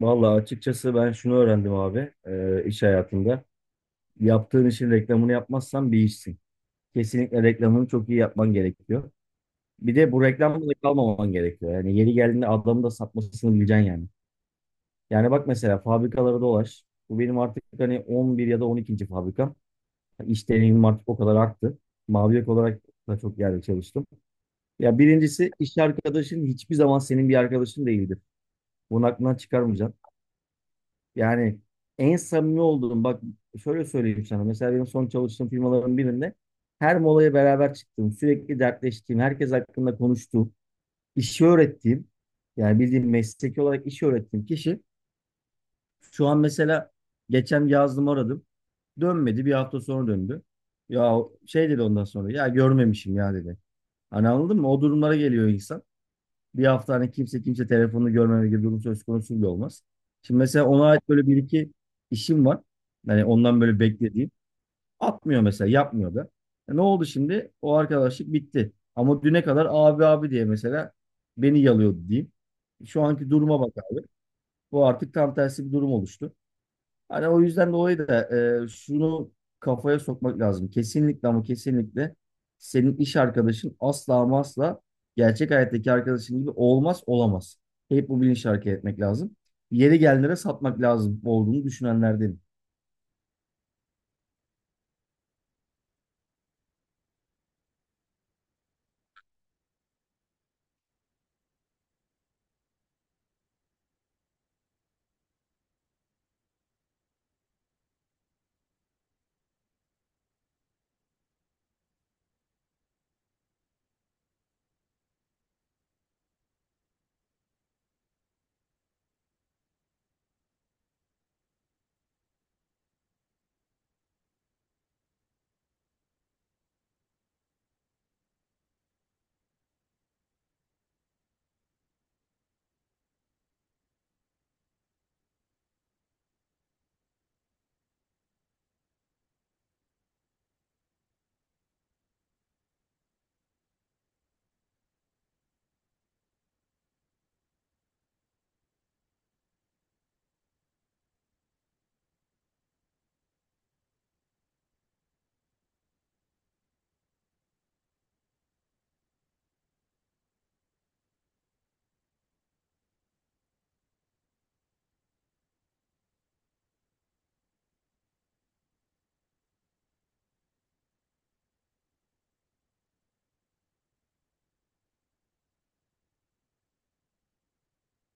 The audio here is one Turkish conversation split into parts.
Vallahi açıkçası ben şunu öğrendim abi iş hayatında. Yaptığın işin reklamını yapmazsan bir işsin. Kesinlikle reklamını çok iyi yapman gerekiyor. Bir de bu reklamda da kalmaman gerekiyor. Yani yeri geldiğinde adamı da satmasını bileceksin yani. Yani bak mesela fabrikalara dolaş. Bu benim artık hani 11 ya da 12. fabrikam. İş deneyimim artık o kadar arttı. Mavi yaka olarak da çok yerde çalıştım. Ya birincisi iş arkadaşın hiçbir zaman senin bir arkadaşın değildir. Bunu aklından çıkarmayacaksın. Yani en samimi olduğum bak şöyle söyleyeyim sana. Mesela benim son çalıştığım firmaların birinde her molaya beraber çıktığım, sürekli dertleştiğim, herkes hakkında konuştuğum, işi öğrettiğim, yani bildiğim mesleki olarak işi öğrettiğim kişi şu an mesela geçen yazdım aradım. Dönmedi. Bir hafta sonra döndü. Ya şey dedi ondan sonra ya görmemişim ya dedi. Hani anladın mı? O durumlara geliyor insan, bir hafta hani kimse telefonunu görmeme gibi durum söz konusu bile olmaz. Şimdi mesela ona ait böyle bir iki işim var. Hani ondan böyle beklediğim. Atmıyor mesela, yapmıyor da. E ne oldu şimdi? O arkadaşlık bitti. Ama düne kadar abi abi diye mesela beni yalıyordu diyeyim. Şu anki duruma bak abi. Bu artık tam tersi bir durum oluştu. Hani o yüzden dolayı da şunu kafaya sokmak lazım. Kesinlikle ama kesinlikle senin iş arkadaşın asla ama asla gerçek hayattaki arkadaşın gibi olmaz, olamaz. Hep bu bilinçle hareket etmek lazım. Yeri gelenlere satmak lazım olduğunu düşünenlerden.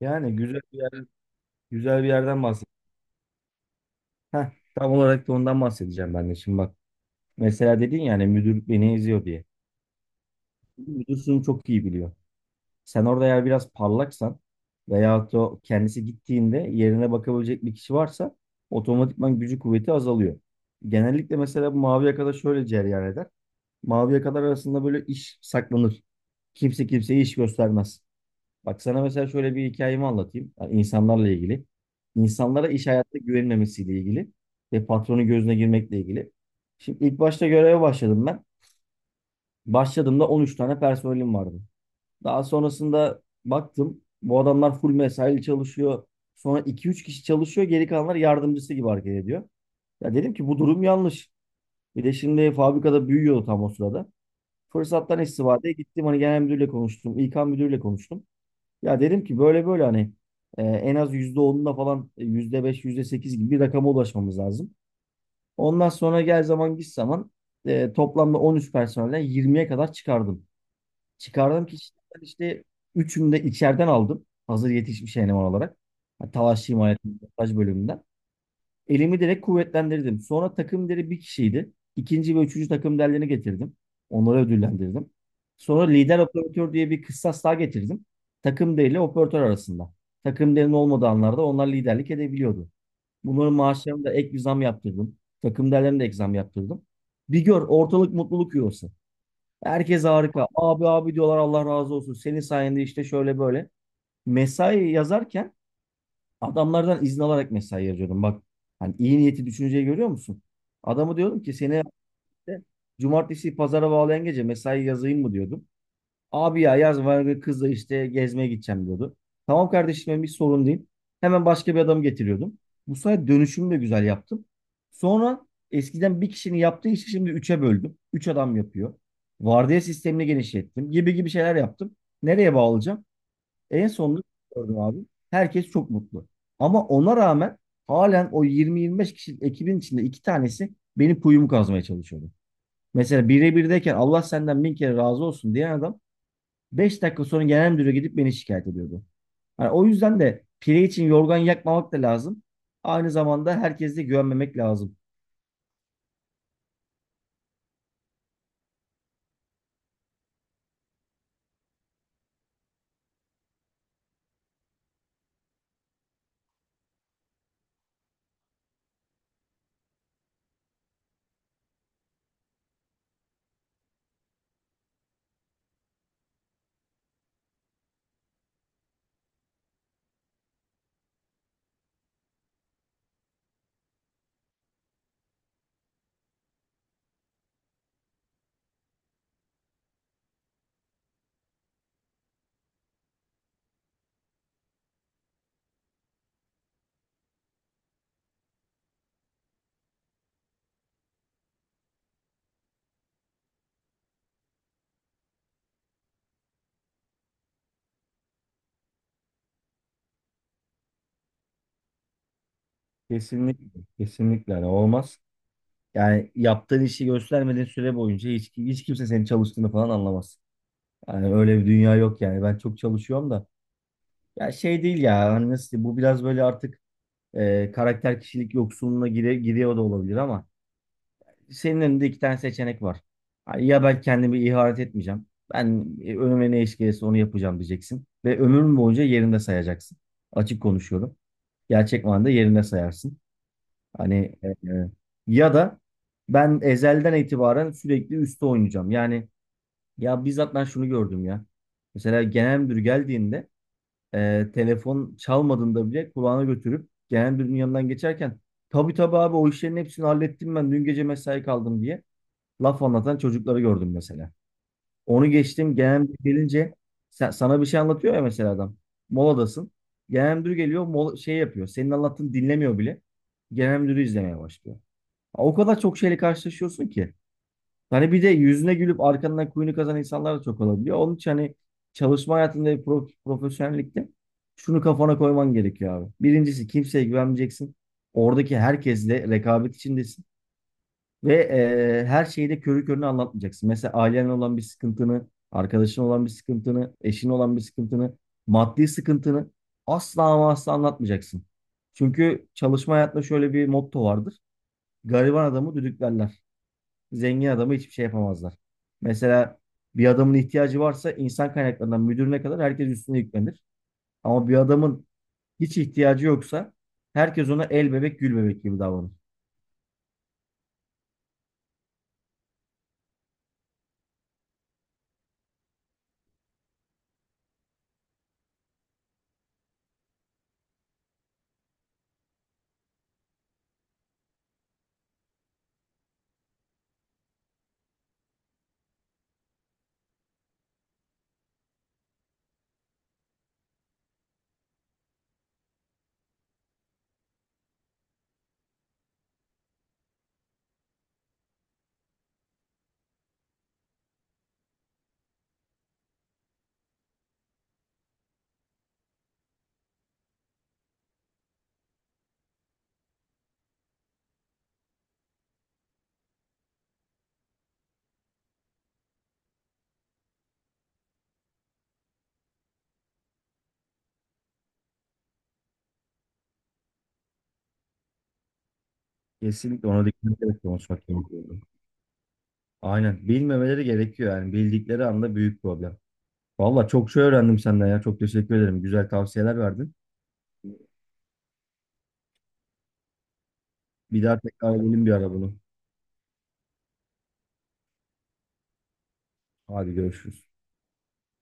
Yani güzel bir yer, güzel bir yerden bahsediyorsun. Heh, tam olarak da ondan bahsedeceğim ben de şimdi bak. Mesela dedin yani müdür beni eziyor diye. Müdür şunu çok iyi biliyor. Sen orada eğer biraz parlaksan veyahut da o kendisi gittiğinde yerine bakabilecek bir kişi varsa otomatikman gücü kuvveti azalıyor. Genellikle mesela bu mavi yakada şöyle cereyan eder. Mavi yakalar arasında böyle iş saklanır. Kimse kimseye iş göstermez. Bak sana mesela şöyle bir hikayemi anlatayım. Yani insanlarla ilgili. İnsanlara iş hayatta güvenilmemesiyle ilgili ve patronun gözüne girmekle ilgili. Şimdi ilk başta göreve başladım ben. Başladığımda 13 tane personelim vardı. Daha sonrasında baktım, bu adamlar full mesaili çalışıyor. Sonra iki üç kişi çalışıyor, geri kalanlar yardımcısı gibi hareket ediyor. Ya dedim ki bu durum yanlış. Bir de şimdi fabrikada büyüyordu tam o sırada. Fırsattan istifadeye gittim, hani genel müdürle konuştum. İK müdürle konuştum. Ya dedim ki böyle böyle hani en az %10'unda falan, %5 %8 gibi bir rakama ulaşmamız lazım. Ondan sonra gel zaman git zaman, toplamda 13 personelden 20'ye kadar çıkardım. Çıkardım ki işte, ben işte üçünü de içeriden aldım. Hazır yetişmiş eleman olarak. Yani Talaş himayetinin montaj bölümünden. Elimi direkt kuvvetlendirdim. Sonra takım deri bir kişiydi. İkinci ve üçüncü takım derlerini getirdim. Onları ödüllendirdim. Sonra lider operatör diye bir kıssas daha getirdim. Takım deri ile operatör arasında. Takım derinin olmadığı anlarda onlar liderlik edebiliyordu. Bunların maaşlarını da ek bir zam yaptırdım. Takım derlerine de ek zam yaptırdım. Bir gör, ortalık mutluluk yuvası. Herkes harika. Abi abi diyorlar, Allah razı olsun. Senin sayende işte şöyle böyle. Mesai yazarken adamlardan izin alarak mesai yazıyordum. Bak hani iyi niyeti, düşünceyi görüyor musun? Adamı diyordum ki seni işte cumartesi pazara bağlayan gece mesai yazayım mı diyordum. Abi ya yaz var, kızla işte gezmeye gideceğim diyordu. Tamam kardeşim, benim bir sorun değil. Hemen başka bir adam getiriyordum. Bu sayede dönüşümü de güzel yaptım. Sonra eskiden bir kişinin yaptığı işi şimdi üçe böldüm. Üç adam yapıyor. Vardiya sistemini genişlettim. Gibi gibi şeyler yaptım. Nereye bağlayacağım? En sonunda gördüm abi. Herkes çok mutlu. Ama ona rağmen halen o 20-25 kişilik ekibin içinde iki tanesi benim kuyumu kazmaya çalışıyordu. Mesela birebirdeyken Allah senden bin kere razı olsun diyen adam 5 dakika sonra genel müdüre gidip beni şikayet ediyordu. Hani o yüzden de pire için yorgan yakmamak da lazım. Aynı zamanda herkese güvenmemek lazım. Kesinlikle, kesinlikle hani olmaz. Yani yaptığın işi göstermediğin süre boyunca hiç kimse senin çalıştığını falan anlamaz. Yani öyle bir dünya yok yani. Ben çok çalışıyorum da. Ya şey değil ya. Hani nasıl diyeyim, bu biraz böyle artık karakter kişilik yoksunluğuna giriyor da olabilir ama senin önünde iki tane seçenek var. Ha, ya ben kendimi ihanet etmeyeceğim. Ben önüme ne iş gelirse onu yapacağım diyeceksin. Ve ömrün boyunca yerinde sayacaksın. Açık konuşuyorum. Gerçek manada yerinde sayarsın. Hani e, e, ya da ben ezelden itibaren sürekli üstte oynayacağım. Yani ya bizzat ben şunu gördüm ya. Mesela genel müdür geldiğinde telefon çalmadığında bile kulağına götürüp genel müdürün yanından geçerken tabii tabii abi o işlerin hepsini hallettim ben dün gece mesai kaldım diye laf anlatan çocukları gördüm mesela. Onu geçtim, genel müdür gelince sana bir şey anlatıyor ya mesela adam. Moladasın. Genel müdür geliyor, mola, şey yapıyor. Senin anlattığını dinlemiyor bile. Genel müdürü izlemeye başlıyor. O kadar çok şeyle karşılaşıyorsun ki. Hani bir de yüzüne gülüp arkandan kuyunu kazan insanlar da çok olabiliyor. Onun için hani çalışma hayatında bir profesyonellikte şunu kafana koyman gerekiyor abi. Birincisi, kimseye güvenmeyeceksin. Oradaki herkesle rekabet içindesin. Ve her şeyi de körü körüne anlatmayacaksın. Mesela ailenle olan bir sıkıntını, arkadaşın olan bir sıkıntını, eşin olan bir sıkıntını, maddi sıkıntını asla ama asla anlatmayacaksın. Çünkü çalışma hayatında şöyle bir motto vardır. Gariban adamı düdüklerler. Zengin adamı hiçbir şey yapamazlar. Mesela bir adamın ihtiyacı varsa insan kaynaklarından müdürüne kadar herkes üstüne yüklenir. Ama bir adamın hiç ihtiyacı yoksa herkes ona el bebek gül bebek gibi davranır. Kesinlikle ona dikkat ederek konuşmak gerekiyor. Aynen. Bilmemeleri gerekiyor yani. Bildikleri anda büyük problem. Valla çok şey öğrendim senden ya. Çok teşekkür ederim. Güzel tavsiyeler verdin. Bir daha tekrar edelim bir ara bunu. Hadi görüşürüz.